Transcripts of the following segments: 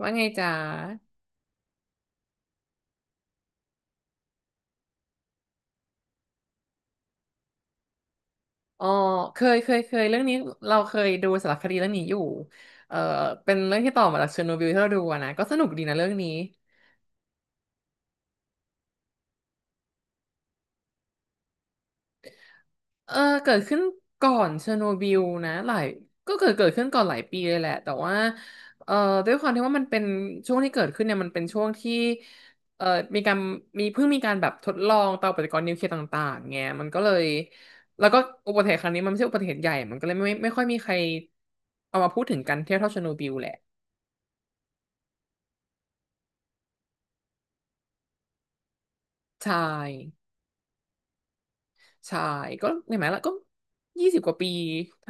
ว่าไงจ๊ะอ๋อเคยเรื่องนี้เราเคยดูสารคดีเรื่องนี้อยู่เออเป็นเรื่องที่ต่อมาจากเชอร์โนบิลที่เราดูอะนะก็สนุกดีนะเรื่องนี้เออเกิดขึ้นก่อนเชอร์โนบิลนะหลายก็เกิดขึ้นก่อนหลายปีเลยแหละแต่ว่าเอ่อด้วยความที่ว่ามันเป็นช่วงที่เกิดขึ้นเนี่ยมันเป็นช่วงที่เอ่อมีการมีเพิ่งมีการแบบทดลองเตาปฏิกรณ์นิวเคลียร์ต่างๆไงมันก็เลยแล้วก็อุบัติเหตุครั้งนี้มันไม่ใช่อุบัติเหตุใหญ่มันก็เลยไม่ค่อยมีใครเอามาพูดถึงกันเท่าเชอร์โนบิลแหละ ใช่ใช่ก็เห็นไหมล่ะก็ยี่สิบกว่าปี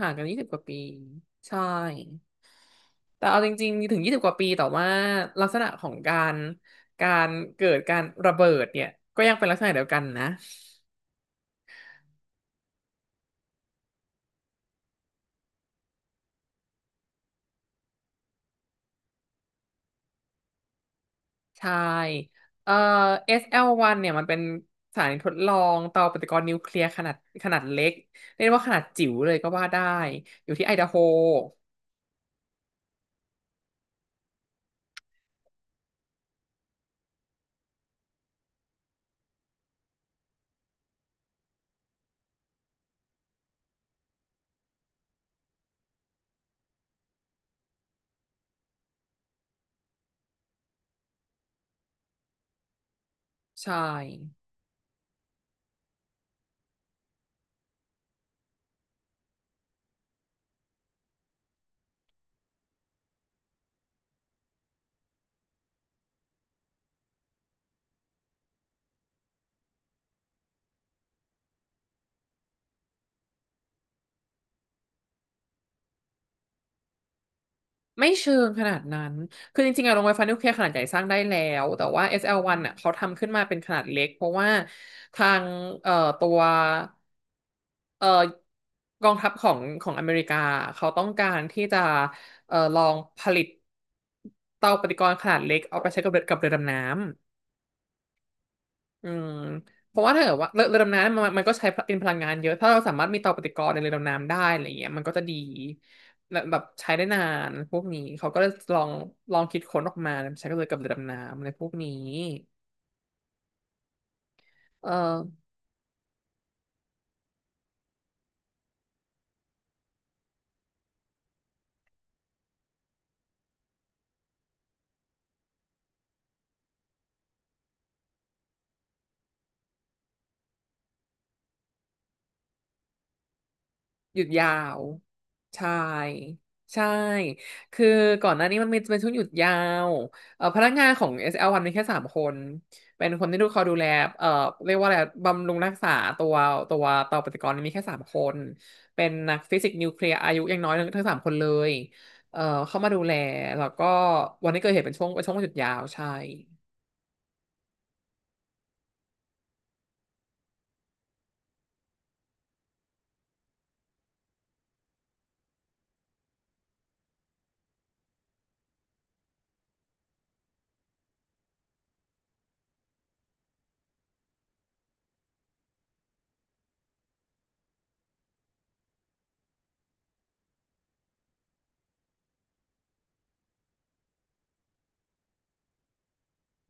ห่างกันยี่สิบกว่าปีใช่แต่เอาจริงๆถึงยี่สิบกว่าปีแต่ว่าลักษณะของการเกิดการระเบิดเนี่ยก็ยังเป็นลักษณะเดียวกันนะใช่เอ่อ SL1 เนี่ยมันเป็นสถานีทดลองเตาปฏิกรณ์นิวเคลียร์ขนาดเล็กเรียกว่าขนาดจิ๋วเลยก็ว่าได้อยู่ที่ไอดาโฮใช่ ไม่เชิงขนาดนั้น คือจริงๆอะโรงไฟฟ้านิวเคลียร์ขนาดใหญ่สร้างได้แล้ว แต่ว่า SL1 อสแอลวันอ่ะเขาทำขึ้นมาเป็นขนาดเล็กเพราะว่าทางเอ่อตัวเอ่อกองทัพของอเมริกาเขาต้องการที่จะลองผลิตเตาปฏิกรณ์ขนาดเล็กเอาไปใช้กับเรือกับเรือดำน้ำ อืมเพราะว่าถ้าเกิดว่าเรือดำน้ำมันก็ใช้เป็นพลังงานเยอะ ถ้าเราสามารถมีเตาปฏิกรณ์ในเรือดำน้ำได้อะไรเงี้ยมันก็จะดีและแบบใช้ได้นานพวกนี้เขาก็เลยลองคิดค้นออกมาใช้ก็เลยกับเรือดำน้ำอะไรพวกนี้เออ หยุดยาวใช่ใช่คือก่อนหน้านี้มันมีเป็นช่วงหยุดยาวพนักงานของ SL1 มีแค่สามคนเป็นคนที่เขาดูแลเอ่อเรียกว่าอะไรบำรุงรักษาตัวตัวเตาปฏิกรณ์มีแค่สามคนเป็นนักฟิสิกส์นิวเคลียร์อายุยังน้อยทั้งสามคนเลยเอ่อเข้ามาดูแลแล้วก็วันที่เกิดเหตุเป็นช่วงหยุดยาวใช่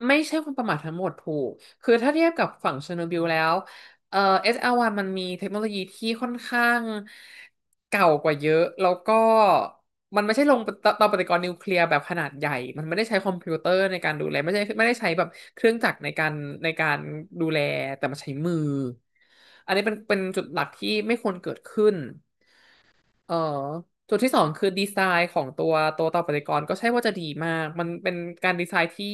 ไม่ใช่ความประมาททั้งหมดถูก คือถ้าเทียบกับฝั่งเชอร์โนบิลแล้วเอ่อ SR1 มันมีเทคโนโลยีที่ค่อนข้างเก่ากว่าเยอะแล้วก็มันไม่ใช่ลงเตาปฏิกรณ์นิวเคลียร์แบบขนาดใหญ่ มันไม่ได้ใช้คอมพิวเตอร์ในการดูแลไม่ได้ใช้แบบเครื่องจักรในการดูแลแต่มันใช้มืออันนี้เป็นจุดหลักที่ไม่ควรเกิดขึ้น เออจุดที่สองคือดีไซน์ของตัวต่อปฏิกรณ์ก็ใช่ว่าจะดีมากมันเป็นการดีไซน์ที่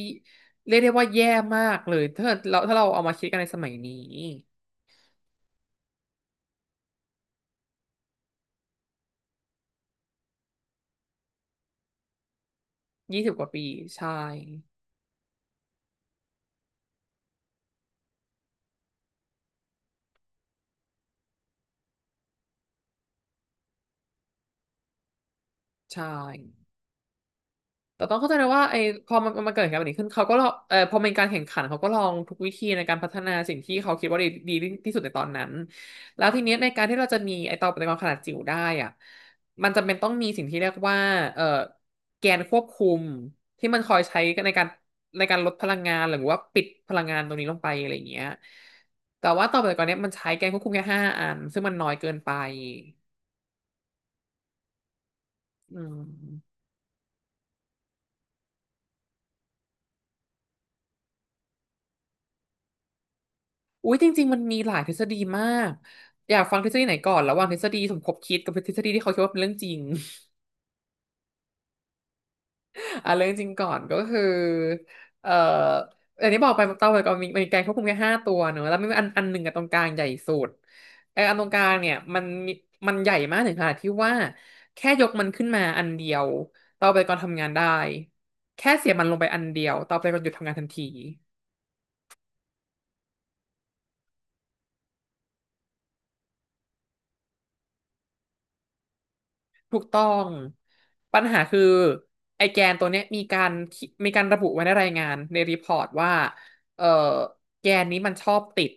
เรียกได้ว่าแย่มากเลยถ้าเราเอามาคิดกันในสมัยนี้ยี่สิบกว่าปีใช่ใช่ แต่ต้องเข้าใจนะว่าไอ้พอมันเกิดเหตุการณ์แบบนี้ขึ้นเขาก็ลองเออพอเป็นการแข่งขันเขาก็ลองทุกวิธีในการพัฒนาสิ่งที่เขาคิดว่าดีที่สุดในตอนนั้นแล้วทีเนี้ยในการที่เราจะมีไอ้เตาปฏิกรณ์ขนาดจิ๋วได้อ่ะมันจำเป็นต้องมีสิ่งที่เรียกว่าเออแกนควบคุมที่มันคอยใช้ในการในการลดพลังงานหรือว่าปิดพลังงานตรงนี้ลงไปอะไรอย่างเงี้ยแต่ว่าเตาปฏิกรณ์เนี้ยมันใช้แกนควบคุมแค่5 อันซึ่งมันน้อยเกินไปอืม อุ้ยจริงๆมันมีหลายทฤษฎีมากอยากฟังทฤษฎีไหนก่อนระหว่างทฤษฎีสมคบคิดกับทฤษฎีที่เขาคิดว่าเป็นเรื่องจริง อ่ะเรื่องจริงก่อนก็คือเอ่ออันนี้บอกไปเต้าไปก่อนมีแกนควบคุมแค่5 ตัวเนอะแล้วมีอันหนึ่งกับตรงกลางใหญ่สุดไอ้อันตรงกลางเนี่ยมันใหญ่มากถึงขนาดที่ว่าแค่ยกมันขึ้นมาอันเดียวเต้าไปก่อนทำงานได้แค่เสียบมันลงไปอันเดียวเต้าไปก่อนหยุดทำงานทันที ถูกต้องปัญหาคือไอแกนตัวเนี้ยมีการระบุไว้ในรายงานในรีพอร์ตว่าเออแกนนี้มันชอบติด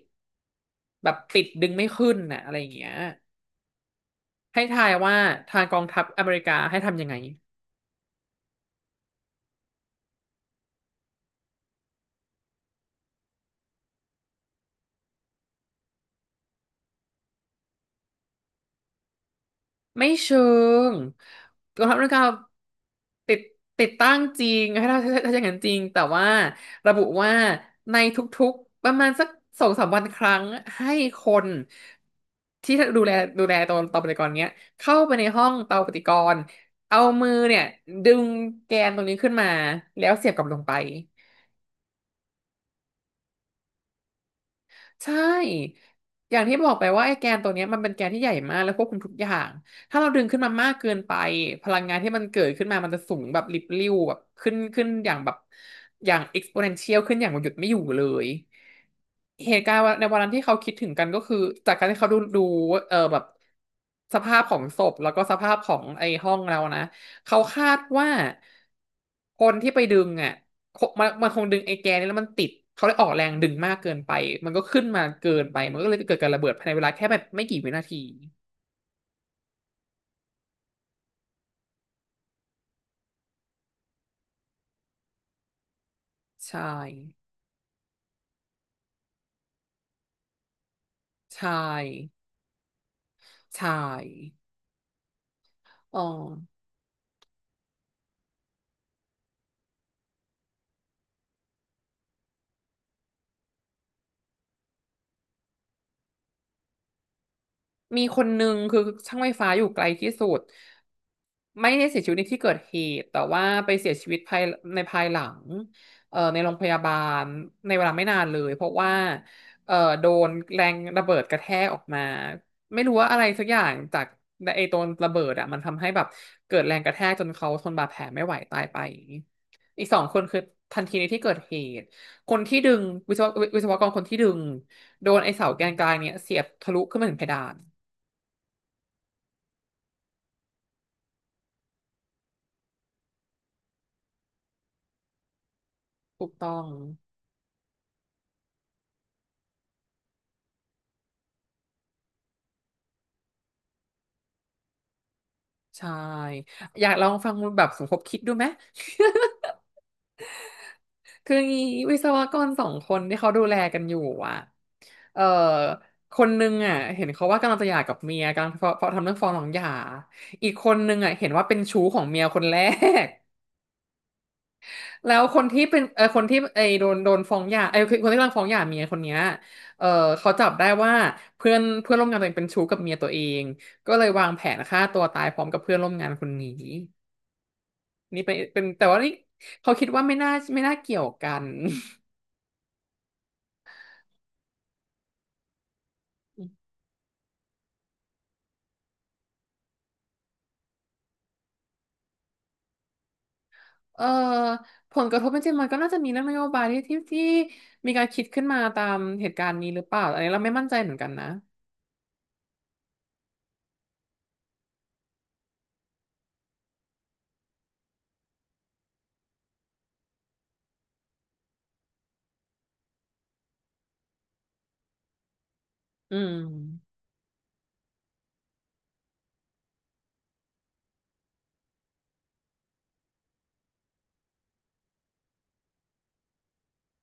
แบบติดดึงไม่ขึ้นน่ะอะไรอย่างเงี้ยให้ทายว่าทางกองทัพอเมริกาให้ทำยังไง ไม่เชิงกองทัพอเมริกาติดติดตั้งจริงให้เราถ้าอย่างนั้นจริงแต่ว่าระบุว่าในทุกๆประมาณสักสองสามวันครั้งให้คนที่ดูแลตัวเตาปฏิกรณ์เนี้ยเข้าไปในห้องเตาปฏิกรณ์เอามือเนี่ยดึงแกนตรงนี้ขึ้นมาแล้วเสียบกลับลงไป ใช่ อย่างที่บอกไปว่าไอ้แกนตัวเนี้ยมันเป็นแกนที่ใหญ่มากแล้วควบคุมทุกอย่าง ถ้าเราดึงขึ้นมามากเกินไปพลังงานที่มันเกิดขึ้นมามันจะสูงแบบลิบลิ่วแบบขึ้นอย่างแบบอย่าง exponential ขึ้นอย่างหยุดไม่อยู่เลย เหตุการณ์ในวันนั้นที่เขาคิดถึงกันก็คือจากการที่เขาดูแบบสภาพของศพแล้วก็สภาพของไอ้ห้องเรานะเขาคาดว่าคนที่ไปดึงอ่ะ มันคงดึงไอ้แกนนี้แล้วมันติดเขาเลยออกแรงดึงมากเกินไปมันก็ขึ้นมาเกินไปมันก็เลยเกิดการระเบิดภายในเวลาแค่แบบไม่กี่วินาทีใช่ใช่ใช่อ๋อ มีคนนึงคือช่างไฟฟ้าอยู่ไกลที่สุดไม่ได้เสียชีวิตในที่เกิดเหตุแต่ว่าไปเสียชีวิตภายในภายหลังในโรงพยาบาลในเวลาไม่นานเลยเพราะว่าเอ่อโดนแรงระเบิดกระแทกออกมาไม่รู้ว่าอะไรสักอย่างจากไอ้ตัวระเบิดอ่ะมันทำให้แบบเกิดแรงกระแทกจนเขาทนบาดแผลไม่ไหวตายไปอีกสองคนคือทันทีในที่เกิดเหตุคนที่ดึงวิศววิศวกรคนที่ดึงโดนไอ้เสาแกนกลางเนี่ยเสียบทะลุขึ้นมาถึงเพดาน ถูกต้องใช่อยากลองฟังแบบสมคบคิดดูไหม คืองี้วิศวกรสองคนที่เขาดูแลกันอยู่อ่ะเออคนนึงอ่ะเห็นเขาว่ากำลังจะหย่ากับเมียกำลังฟ้องทำเรื่องฟ้องหลังหย่าอีกคนนึงอ่ะเห็นว่าเป็นชู้ของเมียคนแรก แล้วคนที่เป็นคนที่ไอโดนฟ้องหย่าไอคนที่กำลังฟ้องหย่าเมียคนเนี้ยเออเขาจับได้ว่าเพื่อนเพื่อนร่วมงานตัวเองเป็นชู้กับเมียตัวเองก็เลยวางแผนฆ่าตัวตายพร้อมกับเพื่อนร่วมงานคนนี้ นี่เป็นแต่ว่านี่เขาคิดว่าไม่น่าเกี่ยวกันเอ่อผลกระทบจริงๆมันก็น่าจะมีเรื่องนโยบายที่มีการคิดขึ้นมาตามเหตุการณ์นี้หรือเปล่าอันนี้เราไม่มั่นใจเหมือนกันนะ อืม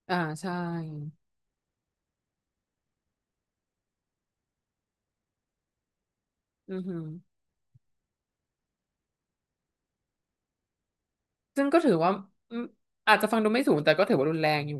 อ่าใช่อือหือซึ่งก็ถือว่าอืมอาจจะฟังดูไม่สูงแต่ก็ถือว่ารุนแรงอยู่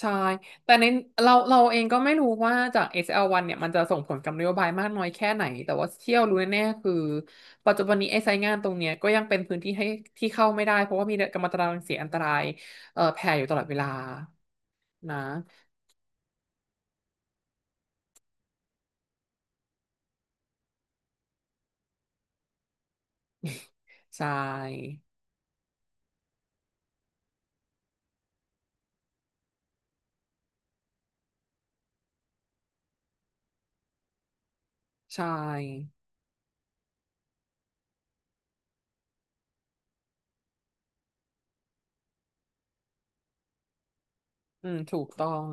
ใช่ แต่ในเราเองก็ไม่รู้ว่าจาก SL1 เนี่ยมันจะส่งผลกับนโยบายมากน้อยแค่ไหน แต่ว่าเที่ยวรู้แน่ๆคือปัจจุบันนี้ไอ้ไซต์งานตรงเนี้ยก็ยังเป็นพื้นที่ให้ที่เข้าไม่ได้เพราะว่ามีกัมมันตรังสีอันตรายแผ่อยู่ตลอดเวลานะ ใช่ใช่อืมถูกต้อง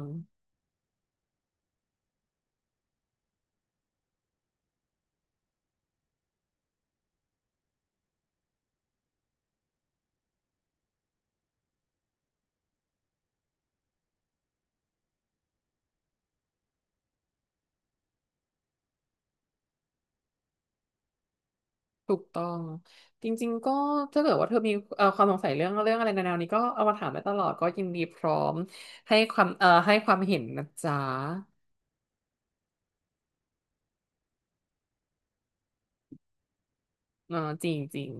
ถูกต้องจริงๆก็ถ้าเกิดว่าเธอมีความสงสัยเรื่องอะไรในแนวนี้ก็เอามาถามได้ตลอดก็ยินดีพร้อมให้ความให้ความเห็นนะจ๊ะ เออจริงจริง